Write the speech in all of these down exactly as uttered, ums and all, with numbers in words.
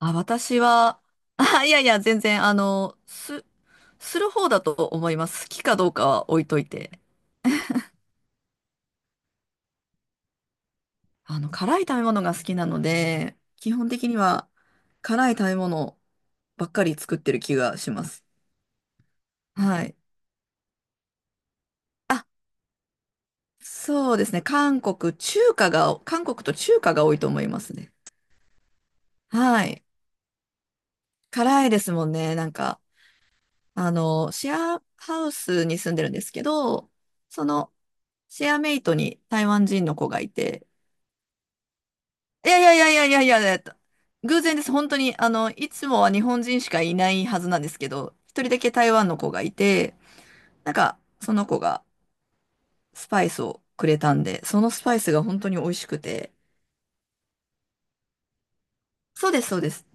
あ、私は、あ、いやいや、全然、あの、す、する方だと思います。好きかどうかは置いといて。あの、辛い食べ物が好きなので、基本的には辛い食べ物ばっかり作ってる気がします。はい。あ、そうですね。韓国、中華が、韓国と中華が多いと思いますね。はい。辛いですもんね。なんか、あの、シェアハウスに住んでるんですけど、その、シェアメイトに台湾人の子がいて、いやいやいやいやいやいや、えっと偶然です。本当に、あの、いつもは日本人しかいないはずなんですけど、一人だけ台湾の子がいて、なんか、その子がスパイスをくれたんで、そのスパイスが本当に美味しくて、そうです、そうです。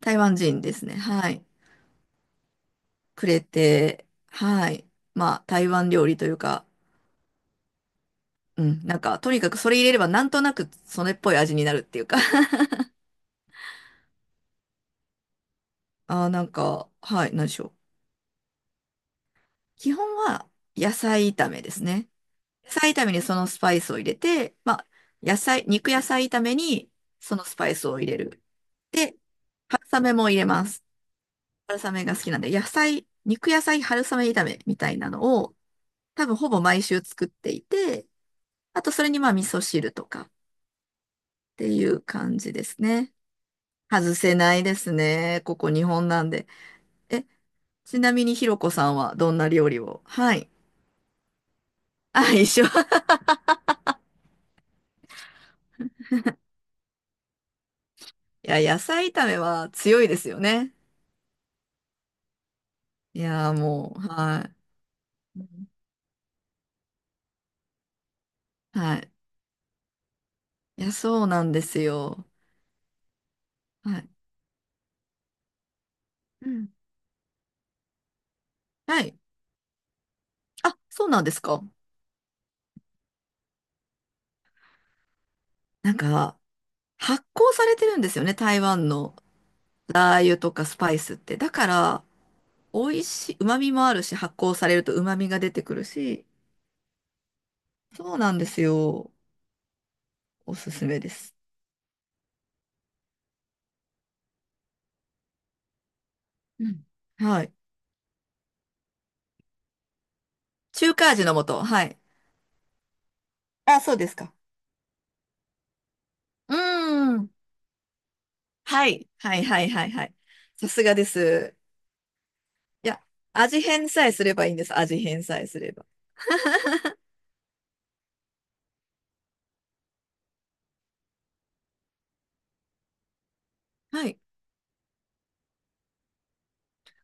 台湾人ですね。はい。くれて、はい。まあ、台湾料理というか、うん、なんか、とにかくそれ入れればなんとなくそれっぽい味になるっていうか。 あー、なんか、はい、なんでしょう。基本は野菜炒めですね。野菜炒めにそのスパイスを入れて、まあ、野菜、肉野菜炒めにそのスパイスを入れる。で、春雨も入れます。春雨が好きなんで、野菜、肉野菜春雨炒めみたいなのを、多分ほぼ毎週作っていて、あとそれにまあ味噌汁とかっていう感じですね。外せないですね。ここ日本なんで。え、ちなみにひろこさんはどんな料理を？はい。あ、一緒。いや、野菜炒めは強いですよね。いやー、もう、はい。はい。いや、そうなんですよ。はい。うん。はい。あ、そうなんですか。なんか、発酵されてるんですよね、台湾のラー油とかスパイスって。だから、美味しい、旨味もあるし、発酵されると旨味が出てくるし、そうなんですよ。おすすめです。うん。はい。中華味の素。はい。あ、そうですか。うーん。はい。はいはいはいはい。さすがです。いや、味変さえすればいいんです。味変さえすれば。はい。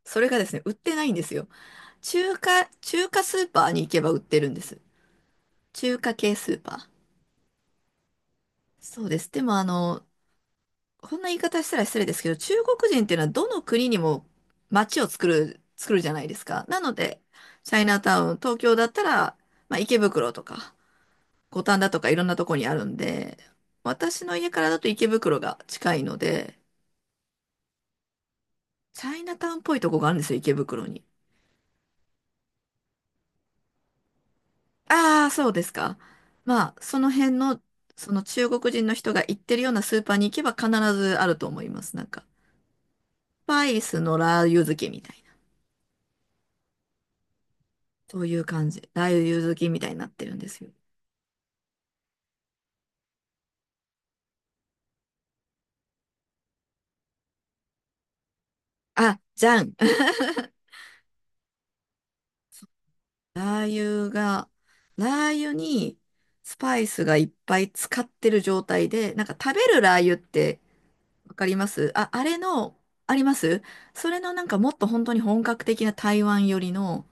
それがですね、売ってないんですよ。中華、中華スーパーに行けば売ってるんです。中華系スーパー。そうです。でもあの、こんな言い方したら失礼ですけど、中国人っていうのはどの国にも街を作る、作るじゃないですか。なので、チャイナタウン、東京だったら、まあ池袋とか、五反田とかいろんなとこにあるんで、私の家からだと池袋が近いので、チャイナタウンっぽいとこがあるんですよ、池袋に。ああ、そうですか。まあ、その辺の、その中国人の人が行ってるようなスーパーに行けば必ずあると思います。なんか、スパイスのラー油漬けみたいな。そういう感じ。ラー油漬けみたいになってるんですよ。あ、じゃん。ラー油が、ラー油にスパイスがいっぱい使ってる状態で、なんか食べるラー油ってわかります？あ、あれの、あります。それのなんかもっと本当に本格的な台湾寄りの、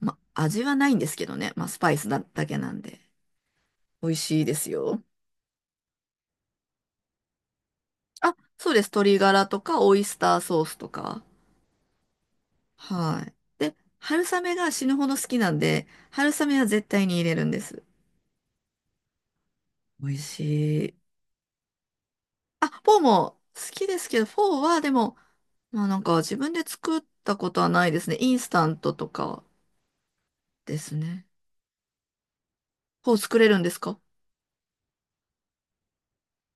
ま、味はないんですけどね。まあ、スパイスだ、だけなんで。美味しいですよ。あ、そうです。鶏ガラとか、オイスターソースとか。はい。で、春雨が死ぬほど好きなんで、春雨は絶対に入れるんです。美味しい。あ、フォーも好きですけど、フォーはでも、まあなんか自分で作ったことはないですね。インスタントとかですね。フォー作れるんですか？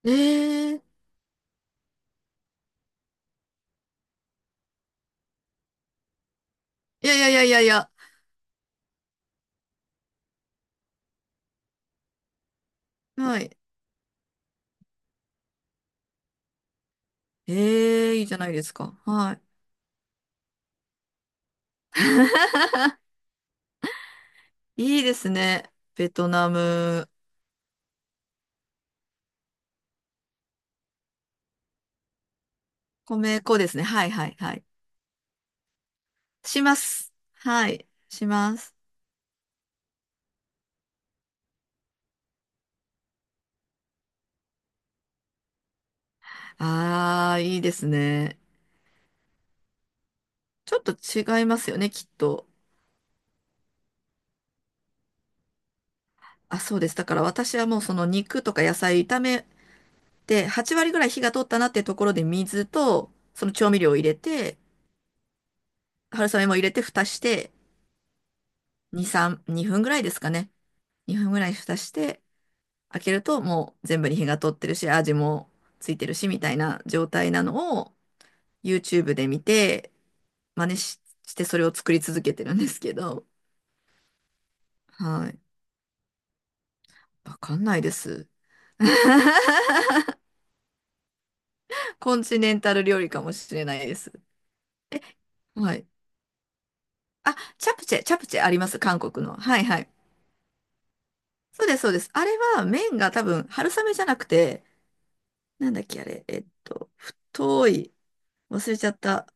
ええー。いやいやいやいやいや。はい。ええー、いいじゃないですか。はい。いいですね。ベトナム、米粉ですね。はいはいはい。します。はい。します。ああ、いいですね。ちょっと違いますよね、きっと。あ、そうです。だから私はもうその肉とか野菜炒めて、はち割ぐらい火が通ったなってところで水と、その調味料を入れて、春雨も入れて蓋して、に、さん、にふんぐらいですかね。にふんぐらい蓋して、開けるともう全部に火が通ってるし、味もついてるし、みたいな状態なのを、ユーチューブ で見て、真似し、してそれを作り続けてるんですけど、はい。わかんないです。コンチネンタル料理かもしれないです。はい。あ、チャプチェ、チャプチェあります、韓国の。はいはい。そうです、そうです。あれは麺が多分春雨じゃなくて、なんだっけあれ、えっと、太い、忘れちゃった。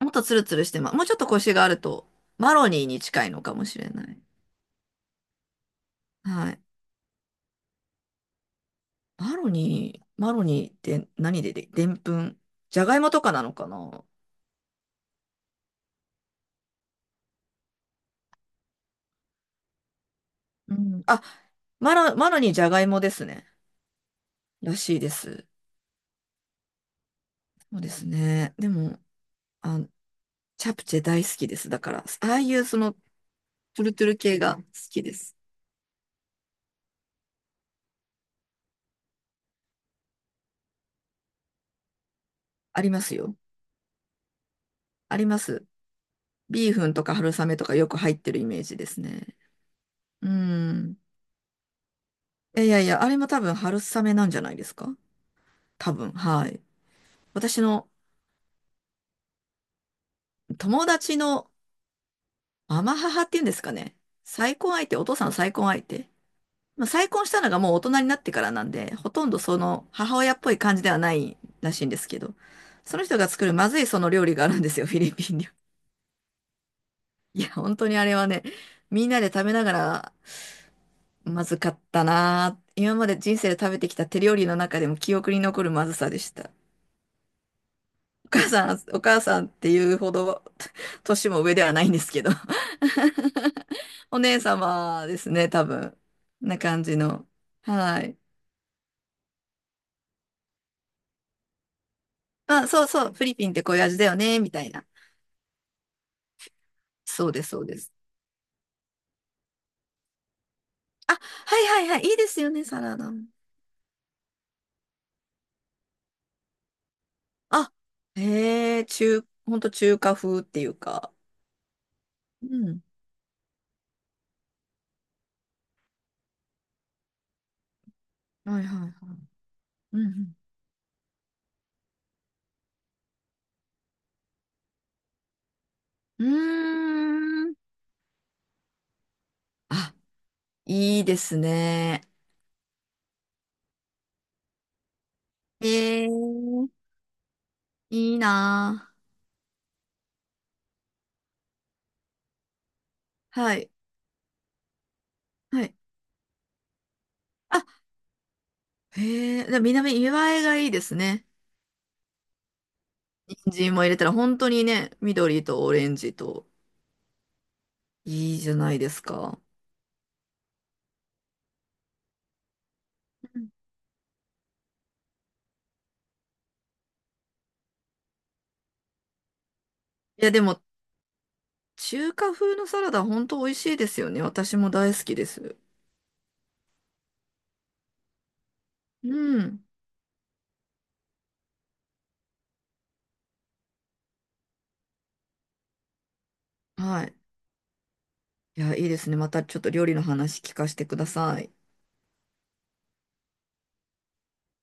もっとツルツルしてます。もうちょっとコシがあると、マロニーに近いのかもしれない。はい。マロニー、マロニーって何でで、でんぷん。じゃがいもとかなのかな？うん。あ、マロ、マロニーじゃがいもですね。らしいです。そうですね。でも、あ、チャプチェ大好きです。だから、ああいうその、トゥルトゥル系が好きです。ありますよ。あります。ビーフンとか春雨とかよく入ってるイメージですね。うん。いやいやいや、あれも多分春雨なんじゃないですか？多分、はい。私の友達のママ母っていうんですかね。再婚相手、お父さんの再婚相手。まあ、再婚したのがもう大人になってからなんで、ほとんどその母親っぽい感じではないらしいんですけど、その人が作るまずいその料理があるんですよ、フィリピン料理。いや、本当にあれはね、みんなで食べながらまずかったなぁ。今まで人生で食べてきた手料理の中でも記憶に残るまずさでした。お母さん、お母さんっていうほど、年も上ではないんですけど。お姉様ですね、多分。な感じの。はい。まあ、そうそう、フィリピンってこういう味だよね、みたいな。そうです、そうです。あ、はいはいはい、いいですよね、サラダも。あ、へえ、中、ほんと中華風っていうか。うん。はいはいはい。うんうん。うーん。あ、いいですね。ええ、いいなあ。はい。はいあ、へえ、でも見見栄えがいいですね。人参も入れたら本当にね、緑とオレンジといいじゃないですか。うんいや、でも中華風のサラダ本当美味しいですよね。私も大好きです。うん。はい。いや、いいですね。またちょっと料理の話聞かせてください。